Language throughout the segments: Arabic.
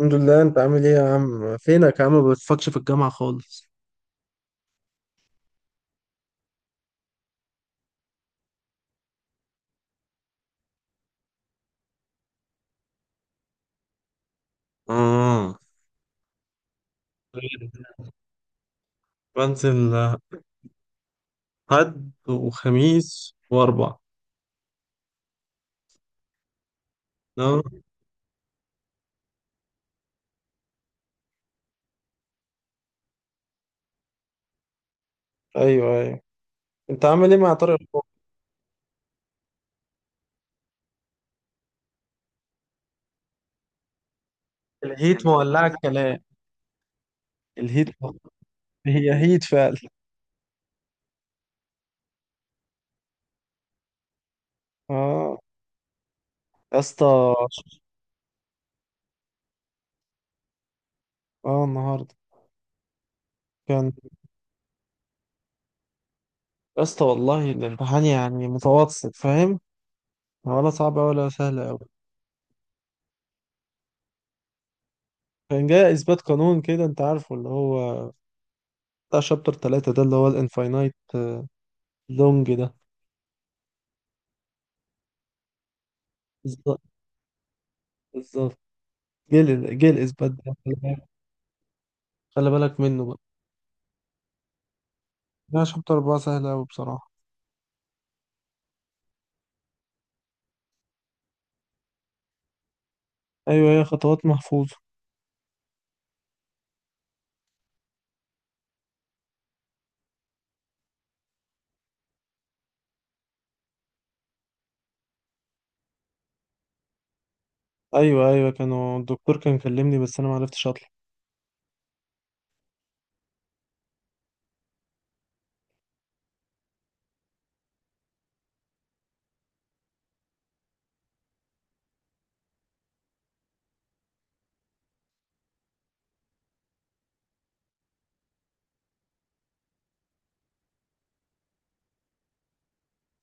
الحمد لله. انت عامل ايه يا عم؟ فينك يا عم؟ ما بتفكش في الجامعة خالص. آه، غير بنزل حد وخميس وأربع. آه. ايوه، ايوه. انت عامل ايه مع طارق الخوخ؟ الهيت مولعة الكلام. الهيت مولعة. هي هيت فعلا. اه. يا اسطى. اه، النهارده. كان يا اسطى، والله الامتحان يعني متوسط، فاهم؟ ولا صعب ولا سهل قوي. كان جاي اثبات قانون كده، انت عارفه، اللي هو بتاع شابتر 3، ده اللي هو الانفاينايت لونج. ده بالظبط. جيل جيل اثبات ده، خلي بالك. خلي بالك منه بقى. لا، شابتر أربعة سهل أوي بصراحة. ايوه، هي خطوات محفوظه. ايوه ايوه. الدكتور كان كلمني، بس انا ما عرفتش اطلع.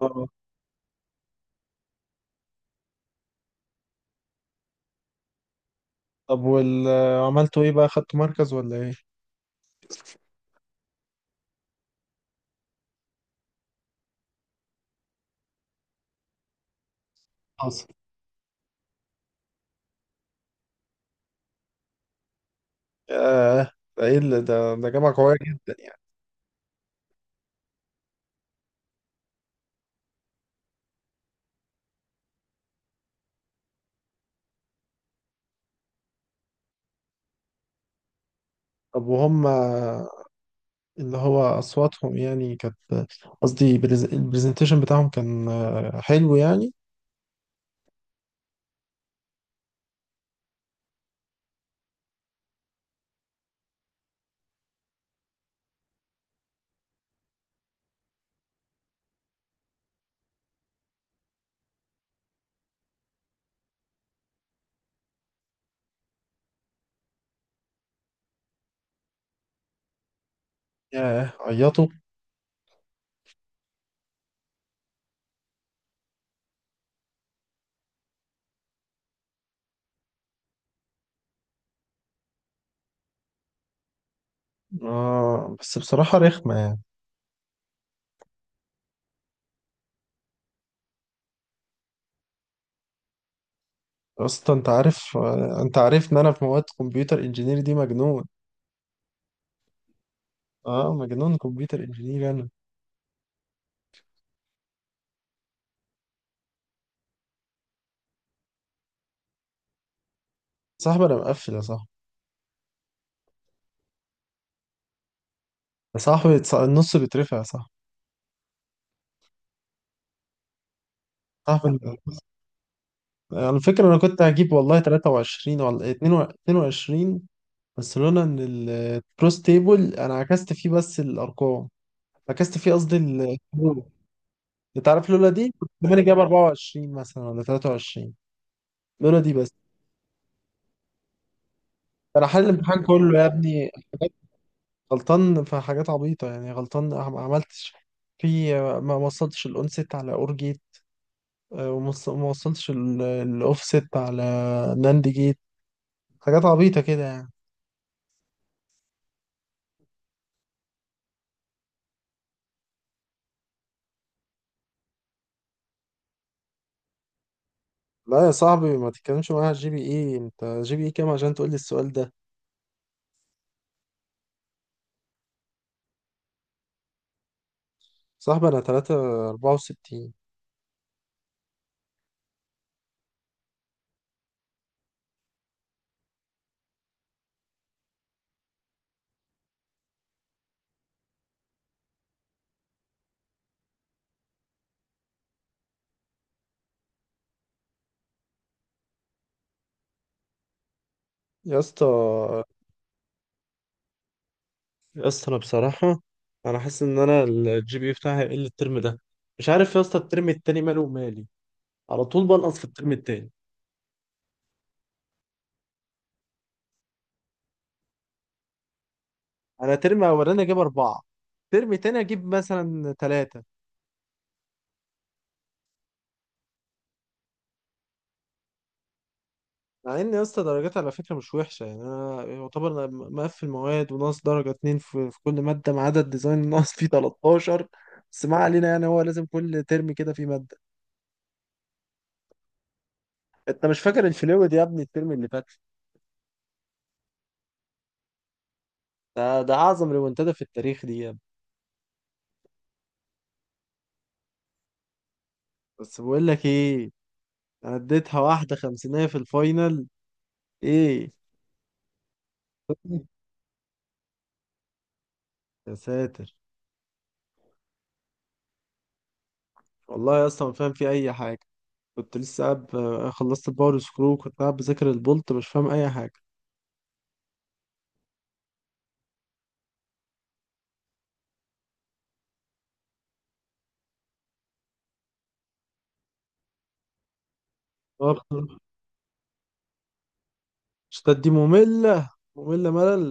اه. طب عملتوا ايه بقى؟ خدتوا مركز ولا ايه؟ حصل. ياه. ده ايه اللي ده؟ جامعة قوية جدا يعني. طب وهم اللي هو أصواتهم يعني كانت، قصدي البرزنتيشن بتاعهم كان حلو يعني. ياه، عيطوا. آه، بس بصراحة رخمة يعني. اصلا انت عارف، ان انا في مواد كمبيوتر انجينير دي مجنون. اه، مجنون كمبيوتر انجينير انا. صاحبي، انا مقفل يا صاحبي. يا صاحبي، النص بيترفع يا صاحبي. صاحبي انت، على فكرة انا كنت هجيب والله 23 ولا 22، بس لولا ان الكروس تيبل انا عكست فيه بس الارقام، عكست فيه قصدي الفروق. انت عارف لولا دي كنت زماني جايب 24 مثلا ولا 23. لولا دي بس. انا حل الامتحان كله يا ابني. غلطان في حاجات عبيطة يعني، غلطان ما عملتش. في ما وصلتش الأون سيت على أور جيت. ما وصلتش الأوف سيت على ناند جيت. حاجات عبيطة كده يعني. لا يا صاحبي، ما تتكلمش معايا على الجي بي اي. انت جي بي اي كام عشان تقول لي السؤال ده؟ صاحبي انا 3.64. يا اسطى، يا اسطى انا بصراحة انا حاسس ان انا الجي بي اي بتاعي هيقل الترم ده. مش عارف يا اسطى، الترم التاني ماله ومالي، على طول بنقص في الترم التاني. انا ترم اولاني اجيب اربعه، ترم تاني اجيب مثلا ثلاثه. مع ان يا اسطى درجات على فكره مش وحشه يعني. انا يعتبر أنا مقفل مواد، وناقص درجه اتنين في كل ماده، ما عدا الديزاين ناقص فيه 13. بس ما علينا، يعني هو لازم كل ترم كده في ماده. انت مش فاكر الفلويد يا ابني الترم اللي فات؟ ده اعظم ريمونتادا في التاريخ دي يا ابني. بس بقول لك ايه، انا اديتها واحده خمسينيه في الفاينل. ايه؟ يا ساتر. والله يا اسطى ما فاهم في اي حاجه. كنت لسه قاعد خلصت الباور سكرو، كنت قاعد بذاكر البولت، مش فاهم اي حاجه. آه، الشتات دي ممله، ممله ملل.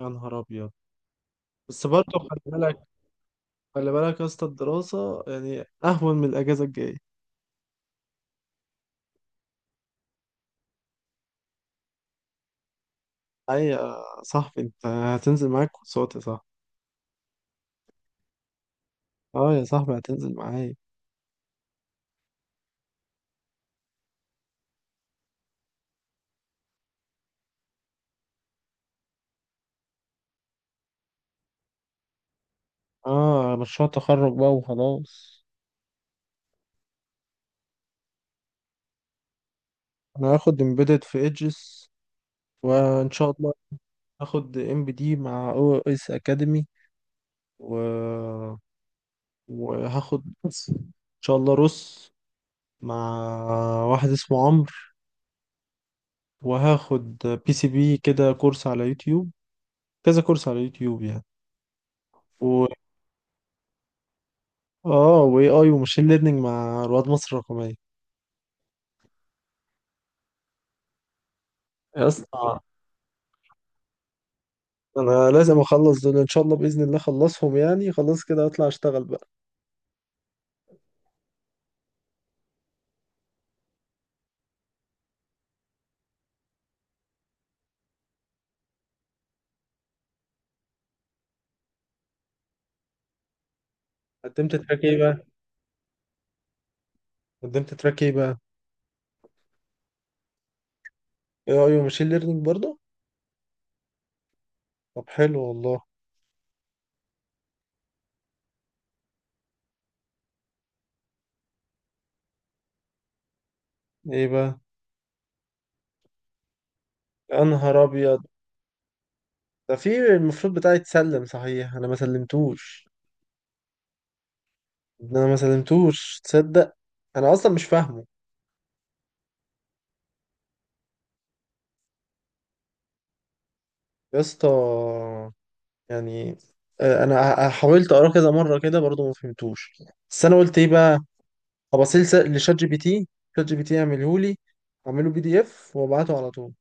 يا نهار ابيض. بس برضه خلي بالك، خلي بالك يا اسطى الدراسه يعني اهون من الاجازه الجايه. اي يا صاحبي، انت هتنزل معاك كورسات يا صاحبي. اه يا صاحبي، هتنزل معايا. اه، مشروع تخرج بقى وخلاص. انا هاخد امبيدد في ايدجز، وان شاء الله هاخد ام بي دي مع او اس اكاديمي، و وهاخد ان شاء الله روس مع واحد اسمه عمرو. وهاخد بي سي بي كده كورس على يوتيوب، كذا كورس على يوتيوب يعني. و اه واي اي وماشين ليرنينج مع رواد مصر الرقمية. يا اسطى انا لازم اخلص دول، ان شاء الله باذن الله اخلصهم يعني، خلاص كده اطلع اشتغل بقى. قدمت تراك ايه بقى؟ قدمت تراك ايه بقى؟ اي اي وماشين ليرنينج برضه. طب حلو والله. ايه بقى؟ يا نهار ابيض. ده في المفروض بتاعي يتسلم، صحيح انا ما سلمتوش. ده انا ما سلمتوش تصدق. انا اصلا مش فاهمه. يا اسطى، يعني، انا حاولت اقراه كذا مره كده برضو ما فهمتوش. بس انا قلت ايه بقى، هبصيل لشات جي بي تي، شات جي بي تي يعمله لي، اعمله بي دي اف وابعته على طول.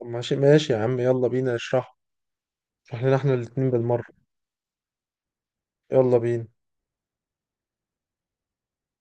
طب ماشي ماشي يا عم، يلا بينا اشرحه، اشرح لنا احنا الاتنين بالمره. يلا بينا.